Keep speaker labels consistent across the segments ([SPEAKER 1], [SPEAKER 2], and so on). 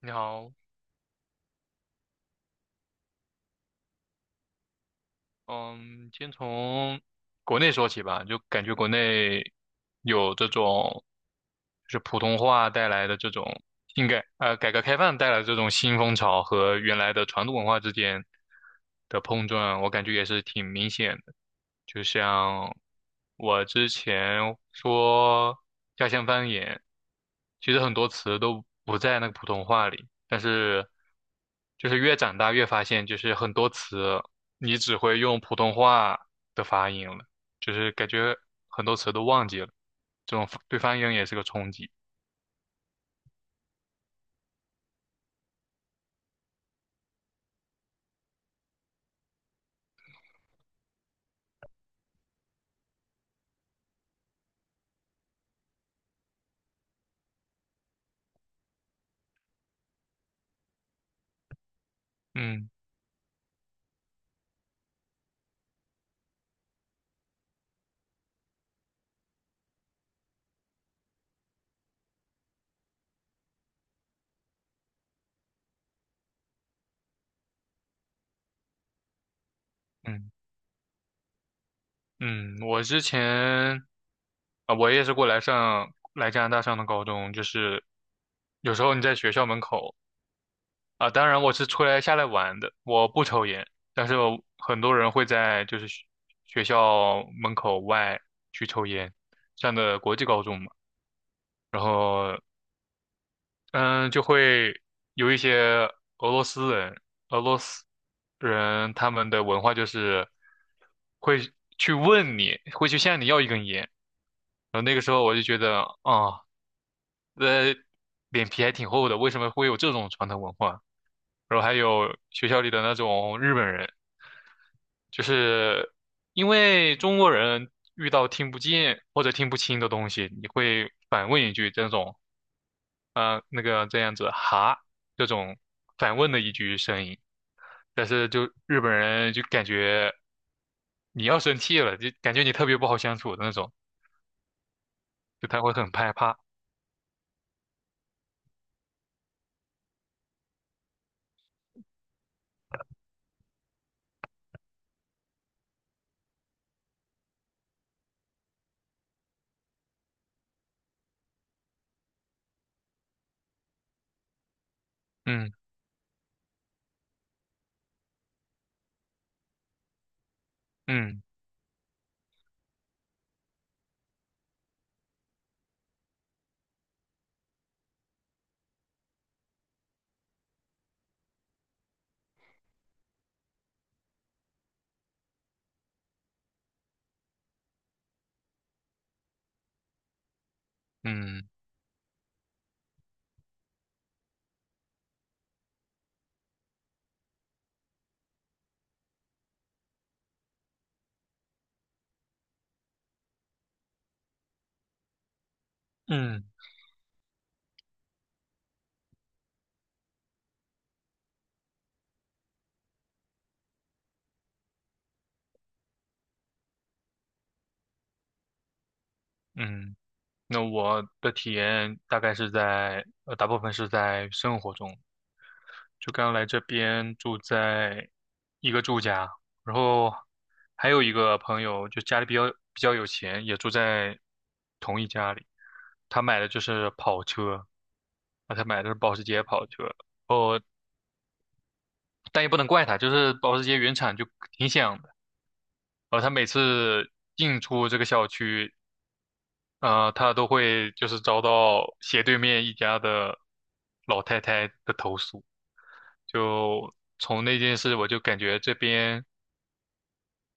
[SPEAKER 1] 你好，嗯，先从国内说起吧，就感觉国内有这种，就是普通话带来的这种应该改革开放带来的这种新风潮和原来的传统文化之间的碰撞，我感觉也是挺明显的。就像我之前说家乡方言，其实很多词都不在那个普通话里，但是就是越长大越发现，就是很多词你只会用普通话的发音了，就是感觉很多词都忘记了，这种对方言也是个冲击。嗯嗯嗯。我之前啊，我也是过来上来加拿大上的高中，就是有时候你在学校门口。啊，当然我是出来下来玩的，我不抽烟，但是我很多人会在就是学校门口外去抽烟，上的国际高中嘛，然后嗯，就会有一些俄罗斯人，俄罗斯人他们的文化就是会去问你，会去向你要一根烟，然后那个时候我就觉得啊，呃，脸皮还挺厚的，为什么会有这种传统文化？然后还有学校里的那种日本人，就是因为中国人遇到听不见或者听不清的东西，你会反问一句这种，那个这样子哈这种反问的一句声音，但是就日本人就感觉你要生气了，就感觉你特别不好相处的那种，就他会很害怕。嗯嗯嗯嗯嗯。那我的体验大概是在，大部分是在生活中。就刚来这边住在一个住家，然后还有一个朋友，就家里比较有钱，也住在同一家里。他买的就是跑车，啊，他买的是保时捷跑车。哦，但也不能怪他，就是保时捷原厂就挺响的。他每次进出这个小区，他都会就是遭到斜对面一家的老太太的投诉。就从那件事，我就感觉这边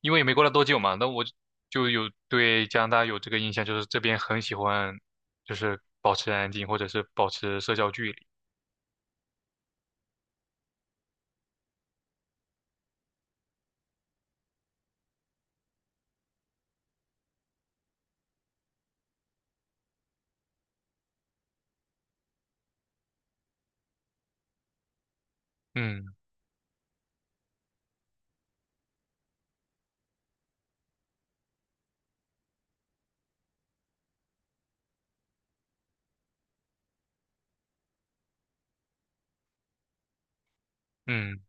[SPEAKER 1] 因为也没过了多久嘛，那我就有对加拿大有这个印象，就是这边很喜欢，就是保持安静或者是保持社交距离。嗯嗯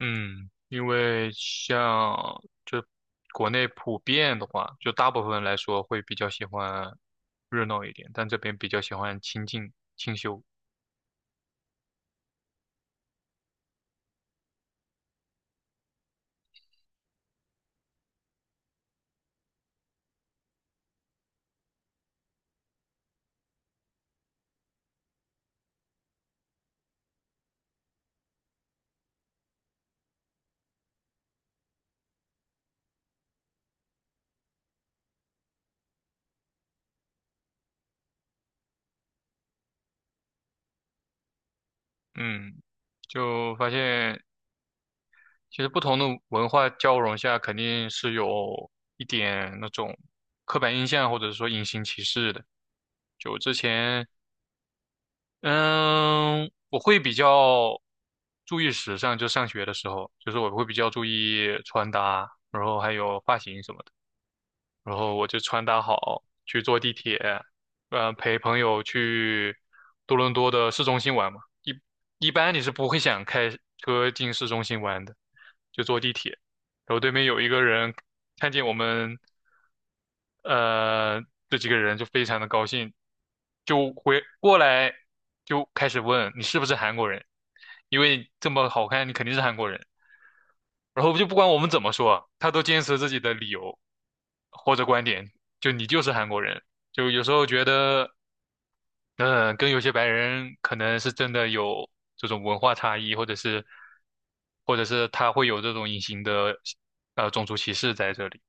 [SPEAKER 1] 嗯。因为像就国内普遍的话，就大部分来说会比较喜欢热闹一点，但这边比较喜欢清静清修。嗯，就发现其实不同的文化交融下，肯定是有一点那种刻板印象或者说隐形歧视的。就之前，嗯，我会比较注意时尚，就上学的时候，就是我会比较注意穿搭，然后还有发型什么的。然后我就穿搭好去坐地铁，陪朋友去多伦多的市中心玩嘛。一般你是不会想开车进市中心玩的，就坐地铁。然后对面有一个人看见我们，呃，这几个人就非常的高兴，就回过来就开始问你是不是韩国人，因为这么好看，你肯定是韩国人。然后就不管我们怎么说，他都坚持自己的理由或者观点，就你就是韩国人。就有时候觉得，嗯，跟有些白人可能是真的有这种文化差异，或者是，或者是他会有这种隐形的，种族歧视在这里。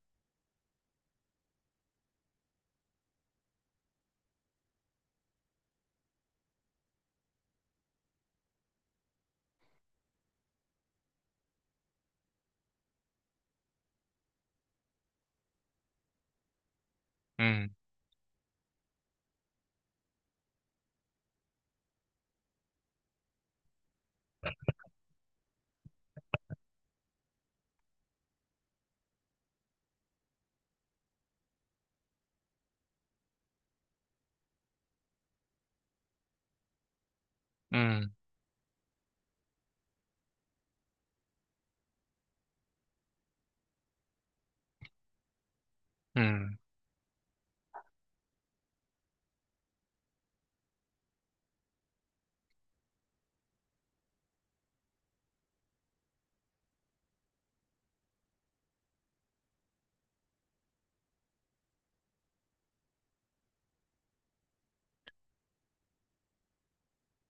[SPEAKER 1] 嗯嗯嗯。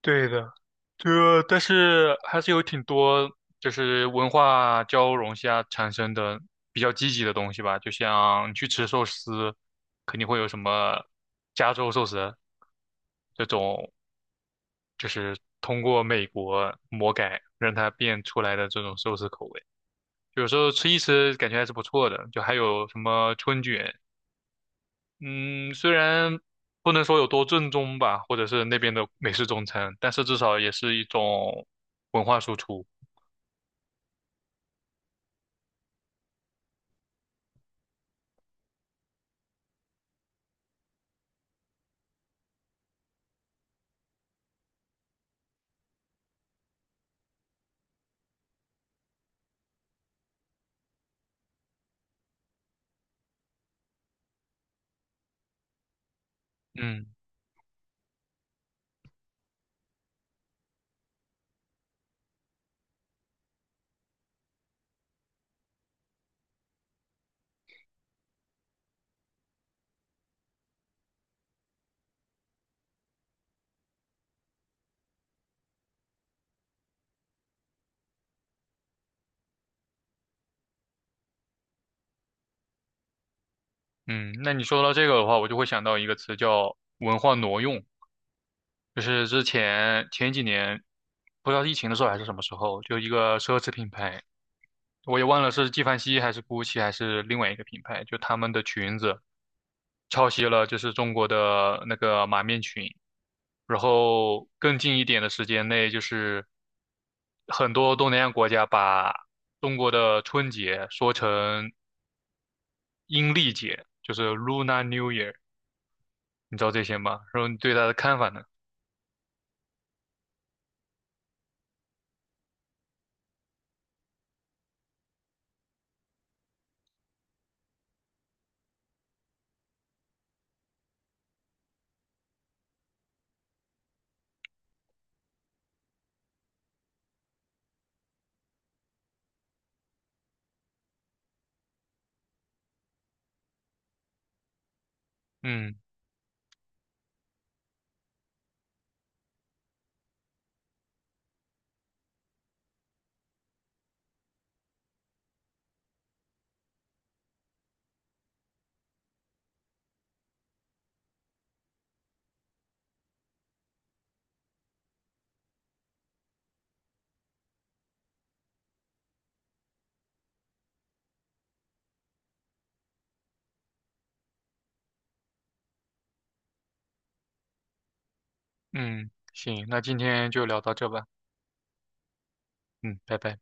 [SPEAKER 1] 对的，这但是还是有挺多就是文化交融下产生的比较积极的东西吧，就像你去吃寿司，肯定会有什么加州寿司这种，就是通过美国魔改让它变出来的这种寿司口味，有时候吃一吃感觉还是不错的，就还有什么春卷。嗯，虽然不能说有多正宗吧，或者是那边的美式中餐，但是至少也是一种文化输出。嗯嗯，那你说到这个的话，我就会想到一个词叫文化挪用，就是之前前几年，不知道是疫情的时候还是什么时候，就一个奢侈品牌，我也忘了是纪梵希还是 GUCCI 还是另外一个品牌，就他们的裙子。抄袭了就是中国的那个马面裙，然后更近一点的时间内，就是很多东南亚国家把中国的春节说成阴历节，就是 Lunar New Year，你知道这些吗？然后你对它的看法呢？嗯嗯，行，那今天就聊到这吧，嗯，拜拜。